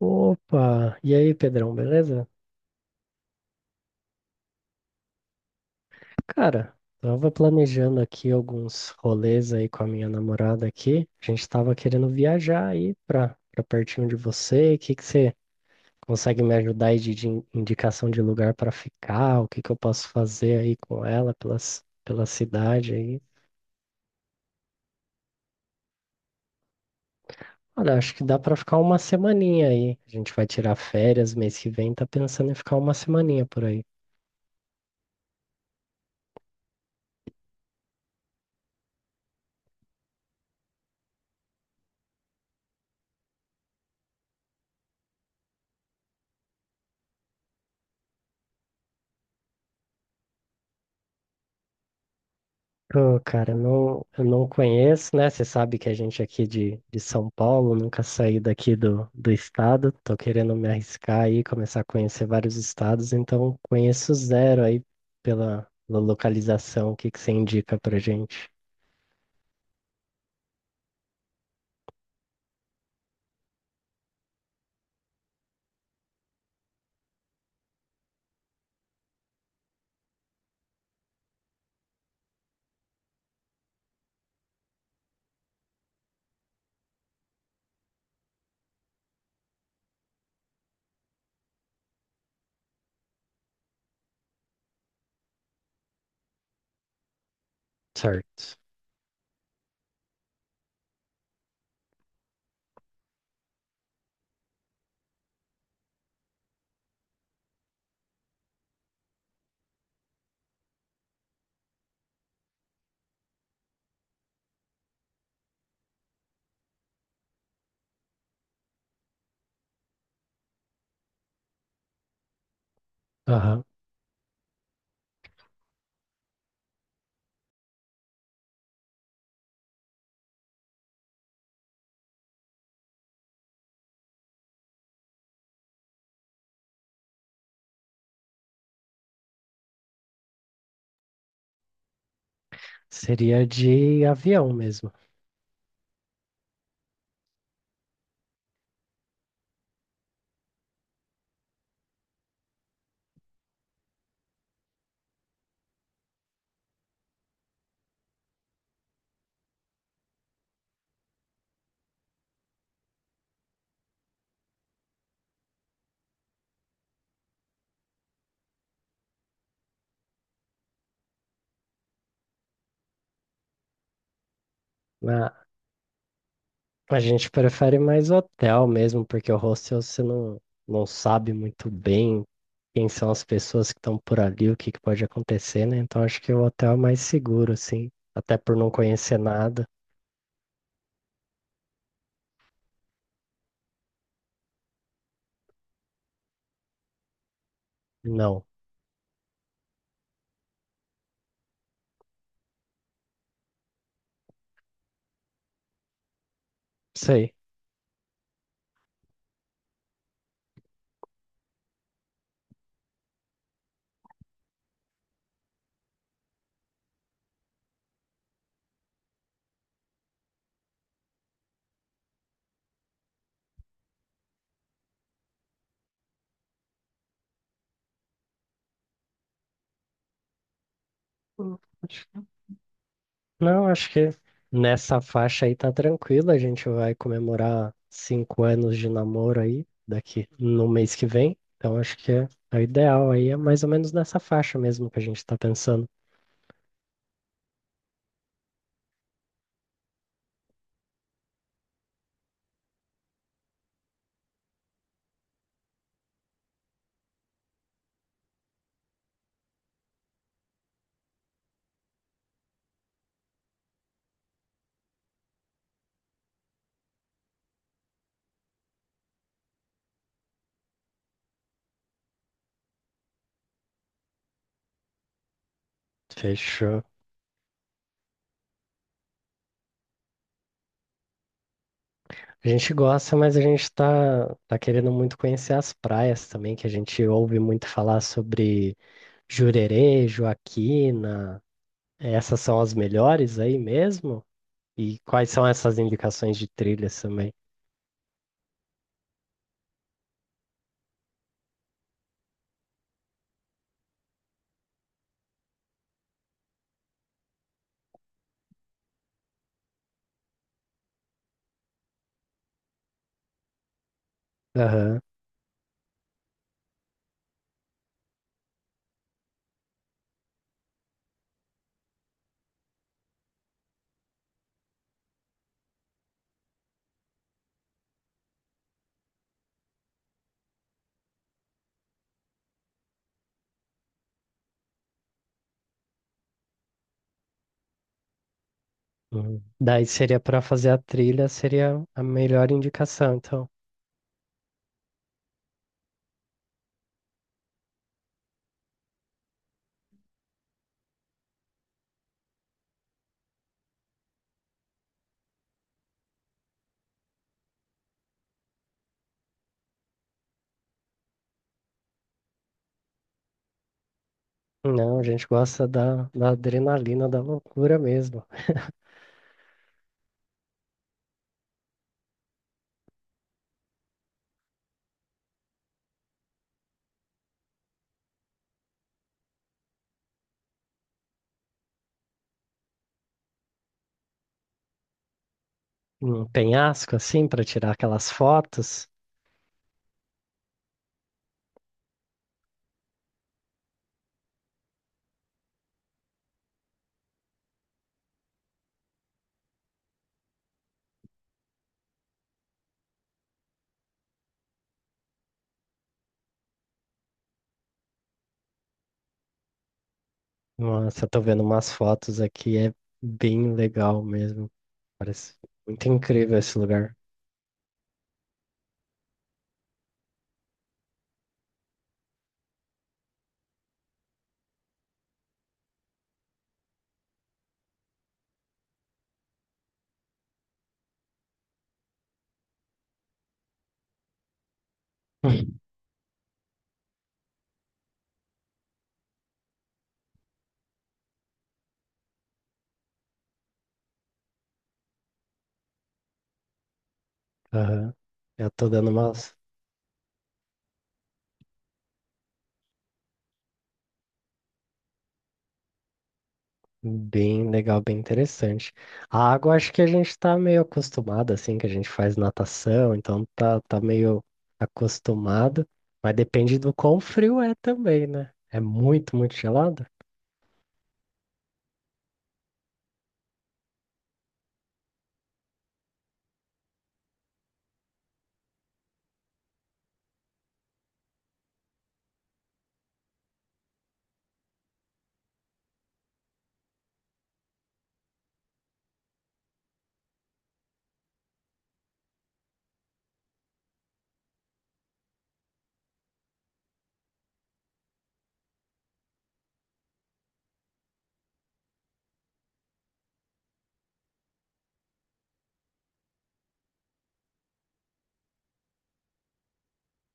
Opa! E aí, Pedrão, beleza? Cara, tava planejando aqui alguns rolês aí com a minha namorada aqui. A gente tava querendo viajar aí pra pertinho de você. O que que você consegue me ajudar aí de indicação de lugar pra ficar? O que que eu posso fazer aí com ela pela cidade aí? Olha, acho que dá pra ficar uma semaninha aí. A gente vai tirar férias mês que vem, tá pensando em ficar uma semaninha por aí. Pô, cara, não, eu não conheço, né? Você sabe que a gente aqui de São Paulo, nunca saí daqui do estado. Tô querendo me arriscar aí, começar a conhecer vários estados, então conheço zero aí pela localização. O que que você indica pra gente? Certo. Aham. Seria de avião mesmo. Na- A gente prefere mais hotel mesmo, porque o hostel você não sabe muito bem quem são as pessoas que estão por ali, o que que pode acontecer, né? Então acho que o hotel é mais seguro, assim, até por não conhecer nada. Não, sei. Hum, acho- Não, acho que nessa faixa aí tá tranquilo. A gente vai comemorar cinco anos de namoro aí daqui no mês que vem. Então acho que é o ideal aí, é mais ou menos nessa faixa mesmo que a gente tá pensando. Fechou. A gente gosta, mas a gente tá querendo muito conhecer as praias também, que a gente ouve muito falar sobre Jurerê, Joaquina. Essas são as melhores aí mesmo? E quais são essas indicações de trilhas também? Aham. Uhum. Daí seria para fazer a trilha, seria a melhor indicação. Então, não, a gente gosta da adrenalina, da loucura mesmo. Um penhasco assim, para tirar aquelas fotos. Nossa, eu tô vendo umas fotos aqui, é bem legal mesmo. Parece muito incrível esse lugar. Aham. Eu tô dando umas bem legal, bem interessante. A água, acho que a gente tá meio acostumado, assim, que a gente faz natação, então tá meio acostumado, mas depende do quão frio é também, né? É muito, muito gelado?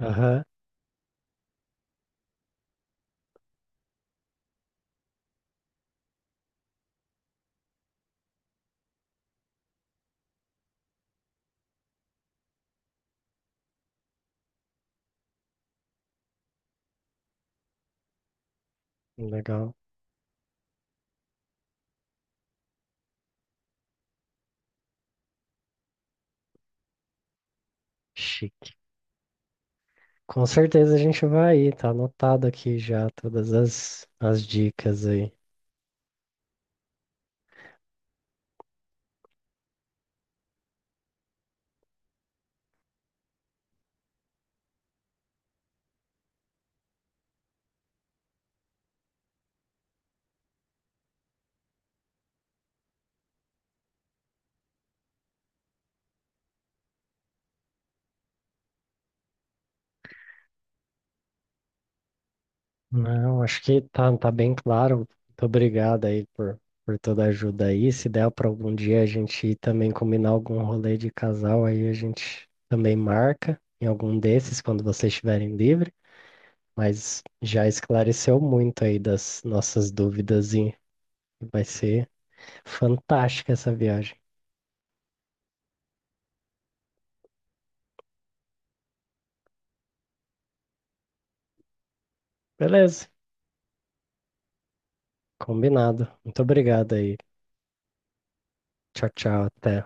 Aham. Legal, chique. Com certeza a gente vai ir, tá anotado aqui já todas as dicas aí. Não, acho que tá bem claro. Muito obrigado aí por toda a ajuda aí. Se der para algum dia a gente ir também combinar algum rolê de casal, aí a gente também marca em algum desses quando vocês estiverem livre. Mas já esclareceu muito aí das nossas dúvidas e vai ser fantástica essa viagem. Beleza, combinado. Muito obrigado aí. Tchau, tchau. Até.